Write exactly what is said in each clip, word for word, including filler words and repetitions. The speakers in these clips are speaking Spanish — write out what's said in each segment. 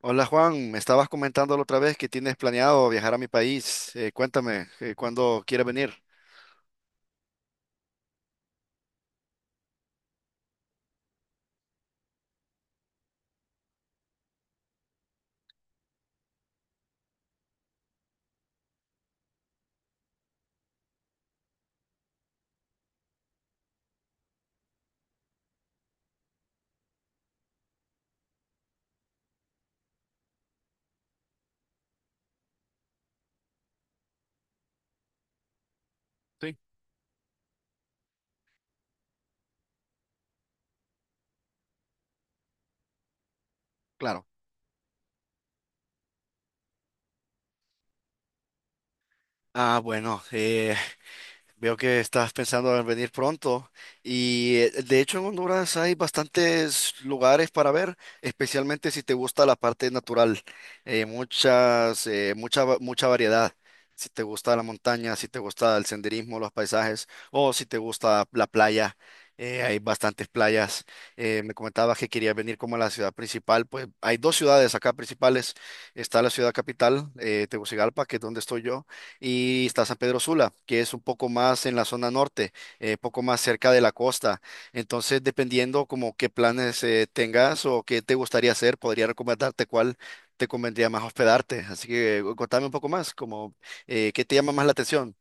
Hola Juan, me estabas comentando la otra vez que tienes planeado viajar a mi país. Eh, cuéntame, eh, ¿cuándo quieres venir? Sí, claro. Ah, bueno, eh, Veo que estás pensando en venir pronto y eh, de hecho en Honduras hay bastantes lugares para ver, especialmente si te gusta la parte natural. Eh, muchas, eh, mucha, va- mucha variedad. Si te gusta la montaña, si te gusta el senderismo, los paisajes, o si te gusta la playa, eh, hay bastantes playas. Eh, me comentabas que querías venir como a la ciudad principal. Pues hay dos ciudades acá principales. Está la ciudad capital, eh, Tegucigalpa, que es donde estoy yo, y está San Pedro Sula, que es un poco más en la zona norte, eh, poco más cerca de la costa. Entonces, dependiendo como qué planes eh, tengas o qué te gustaría hacer, podría recomendarte cuál te convendría más hospedarte. Así que eh, contame un poco más, como eh, qué te llama más la atención.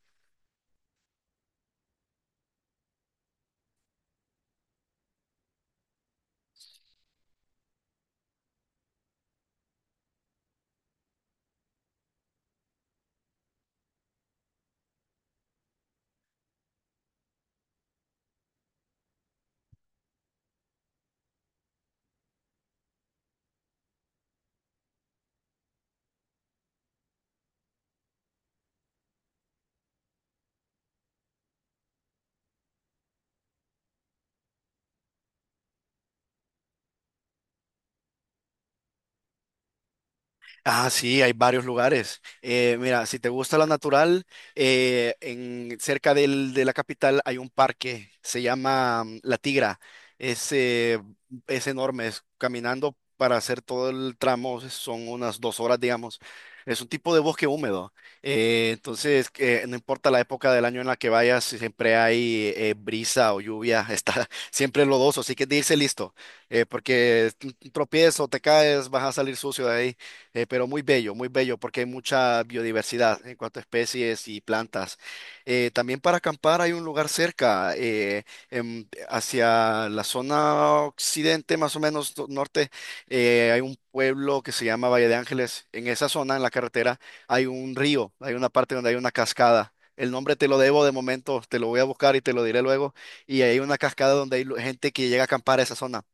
Ah, sí, hay varios lugares. Eh, mira, si te gusta la natural, eh, en, cerca del- de la capital hay un parque, se llama mm, La Tigra. Es, eh, es enorme, es caminando para hacer todo el tramo, son unas dos horas, digamos. Es un tipo de bosque húmedo. Eh, entonces, que no importa la época del año en la que vayas, siempre hay eh, brisa o lluvia, está siempre lodoso, así que de irse listo, eh, porque un un tropiezo, te caes, vas a salir sucio de ahí. Eh, pero muy bello, muy bello, porque hay mucha biodiversidad en cuanto a especies y plantas. Eh, también para acampar hay un lugar cerca, eh, em, hacia la zona occidente, más o menos do- norte. Eh, hay un pueblo que se llama Valle de Ángeles. En esa zona, en la carretera, hay un río, hay una parte donde hay una cascada. El nombre te lo debo de momento, te lo voy a buscar y te lo diré luego. Y hay una cascada donde hay lu- gente que llega a acampar a esa zona.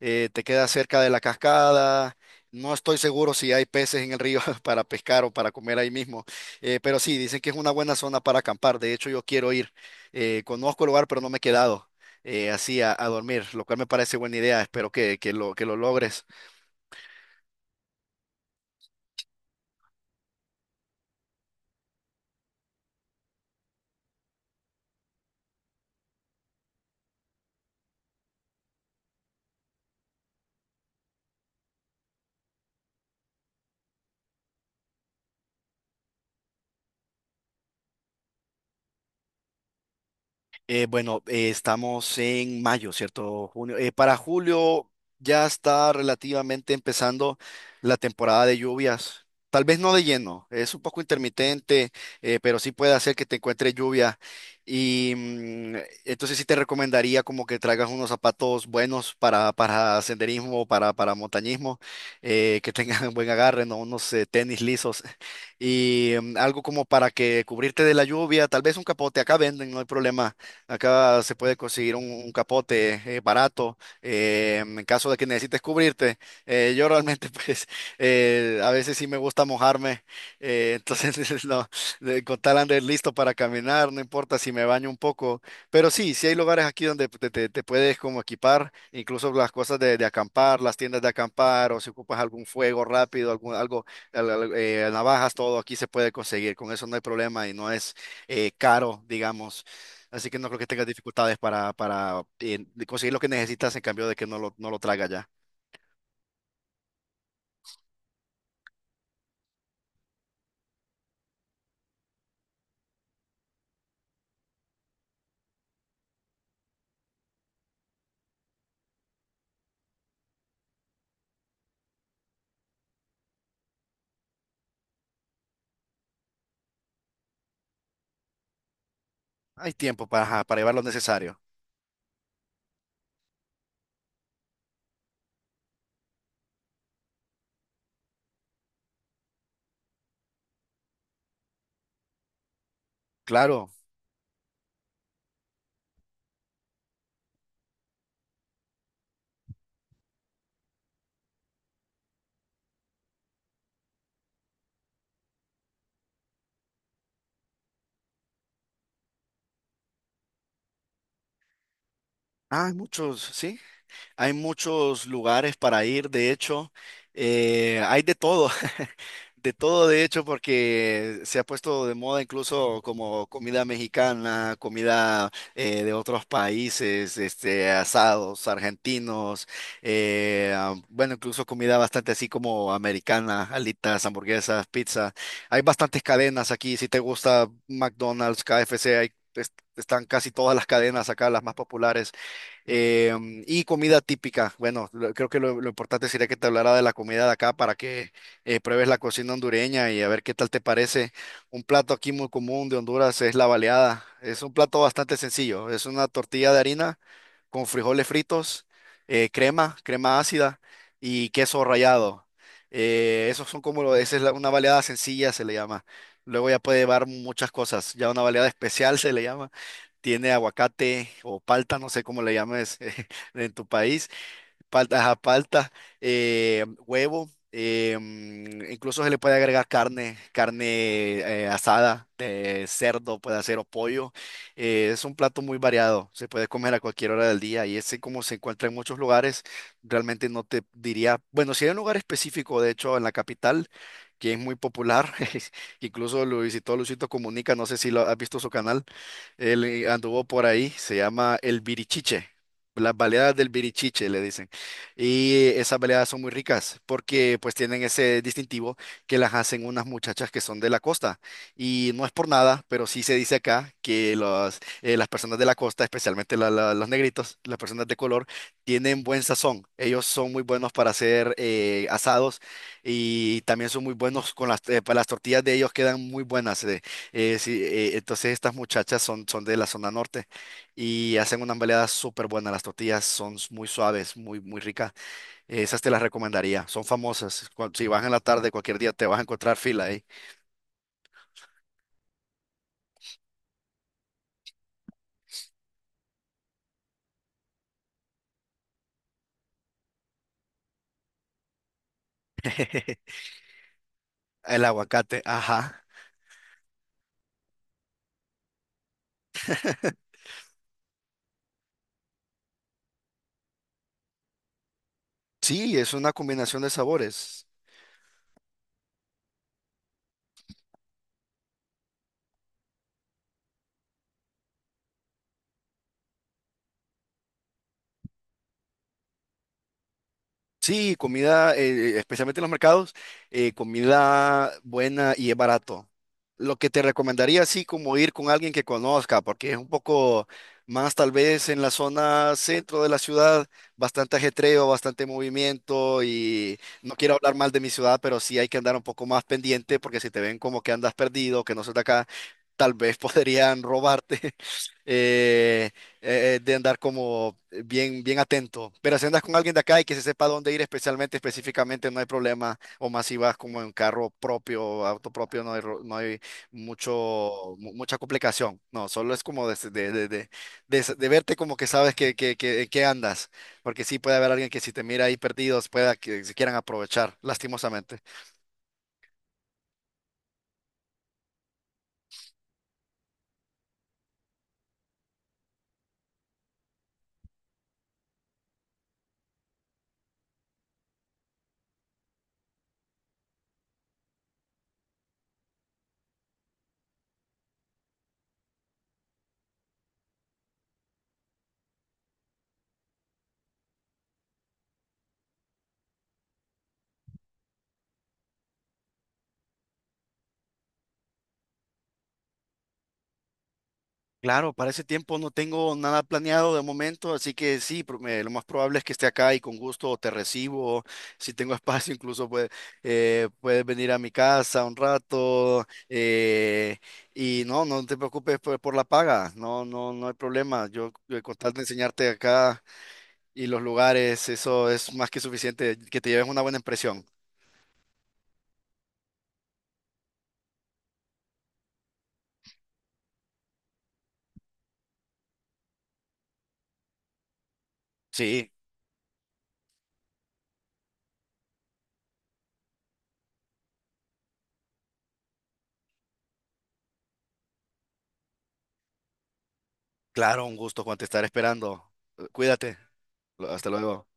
eh, Te queda cerca de la cascada. No estoy seguro si hay peces en el río para pescar o para comer ahí mismo, eh, pero sí, dicen que es una buena zona para acampar. De hecho, yo quiero ir. Eh, conozco el lugar, pero no me he quedado eh, así a, a dormir, lo cual me parece buena idea. Espero que, que lo, que lo logres. Eh, bueno, eh, Estamos en mayo, ¿cierto? Junio. Eh, para julio ya está relativamente empezando la temporada de lluvias. Tal vez no de lleno, es un poco intermitente, eh, pero sí puede hacer que te encuentre lluvia. Y mm, entonces sí te recomendaría como que traigas unos zapatos buenos para, para senderismo, para, para montañismo, eh, que tengan buen agarre, ¿no? Unos eh, tenis lisos y mm, algo como para que cubrirte de la lluvia, tal vez un capote. Acá venden, no hay problema. Acá se puede conseguir un, un capote eh, barato eh, en caso de que necesites cubrirte. Eh, yo realmente, pues, eh, a veces sí me gusta mojarme. Eh, entonces, no, de- con tal andar listo para caminar, no importa si me baño un poco. Pero sí, sí hay lugares aquí donde te, te- te puedes como equipar, incluso las cosas de, de acampar, las tiendas de acampar, o si ocupas algún fuego rápido, algún, algo, al- al- eh, navajas, todo aquí se puede conseguir. Con eso no hay problema y no es eh, caro, digamos. Así que no creo que tengas dificultades para, para eh, conseguir lo que necesitas en cambio de que no lo, no lo traga ya. Hay tiempo para, ajá, para llevar lo necesario. Claro. Ah, hay muchos, sí. Hay muchos lugares para ir, de hecho. Eh, hay de todo, de todo, de hecho, porque se ha puesto de moda incluso como comida mexicana, comida eh, de otros países, este, asados argentinos, eh, ah, bueno, incluso comida bastante así como americana, alitas, hamburguesas, pizza. Hay bastantes cadenas aquí, si te gusta McDonald's, K F C, hay, es- están casi todas las cadenas acá, las más populares, eh, y comida típica. Bueno, lo- creo que lo, lo importante sería que te hablara de la comida de acá para que eh, pruebes la cocina hondureña y a ver qué tal te parece. Un plato aquí muy común de Honduras es la baleada. Es un plato bastante sencillo. Es una tortilla de harina con frijoles fritos, eh, crema, crema ácida y queso rallado. Eh, esos son como, lo- esa es la- una baleada sencilla, se le llama. Luego ya puede llevar muchas cosas. Ya una baleada especial se le llama, tiene aguacate o palta, no sé cómo le llames en tu país, palta, ajá, palta, eh, huevo, eh, mm, incluso se le puede agregar carne, carne eh, asada, de cerdo, puede hacer o pollo. Eh, es un plato muy variado, se puede comer a cualquier hora del día, y ese como se encuentra en muchos lugares. Realmente no te diría, bueno, si hay un lugar específico. De hecho, en la capital, que es muy popular, incluso lo visitó Luisito Comunica, no sé si lo has visto su canal. Él eh, anduvo por ahí, se llama El Birichiche. Las baleadas del Birichiche le dicen. Y esas baleadas son muy ricas porque pues tienen ese distintivo, que las hacen unas muchachas que son de la costa. Y no es por nada, pero sí se dice acá que los, eh, las personas de la costa, especialmente la- la- los negritos, las personas de color, tienen buen sazón. Ellos son muy buenos para hacer eh, asados, y también son muy buenos con las, eh, para las tortillas de ellos, quedan muy buenas. eh. Eh, sí, eh, entonces estas muchachas son, son de la zona norte y hacen unas baleadas súper buenas. Las tortillas son s- muy suaves, muy, muy ricas. Eh, esas te las recomendaría. Son famosas. Cu- Si vas en la tarde, cualquier día te vas a encontrar fila ahí. El aguacate, ajá. Sí, es una combinación de sabores. Sí, comida, eh, especialmente en los mercados, eh, comida buena y es barato. Lo que te recomendaría, así como ir con alguien que conozca, porque es un poco más tal vez en la zona centro de la ciudad, bastante ajetreo, bastante movimiento, y no quiero hablar mal de mi ciudad, pero sí hay que andar un poco más pendiente, porque si te ven como que andas perdido, que no sos de acá, tal vez podrían robarte. Eh, eh, de andar como bien, bien atento. Pero si andas con alguien de acá y que se sepa dónde ir especialmente, específicamente, no hay problema. O más si vas como en carro propio, auto propio, no hay, ro- no hay mucho, mu- mucha complicación. No, solo es como de, de, de, de- de s- de verte como que sabes que, que, que en qué andas. Porque sí puede haber alguien que si te mira ahí perdidos, pueda que se quieran aprovechar, lastimosamente. Claro, para ese tiempo no tengo nada planeado de momento, así que sí, pro- me- lo más probable es que esté acá, y con gusto te recibo. Si tengo espacio, incluso puede- eh, puedes venir a mi casa un rato. Eh, y no, no te preocupes por, por la paga, no, no, no hay problema. Yo, eh, con tal de enseñarte acá y los lugares, eso es más que suficiente, que te lleves una buena impresión. Sí, claro, un gusto, Juan, te estaré esperando. Eh, Cuídate, lo- hasta luego.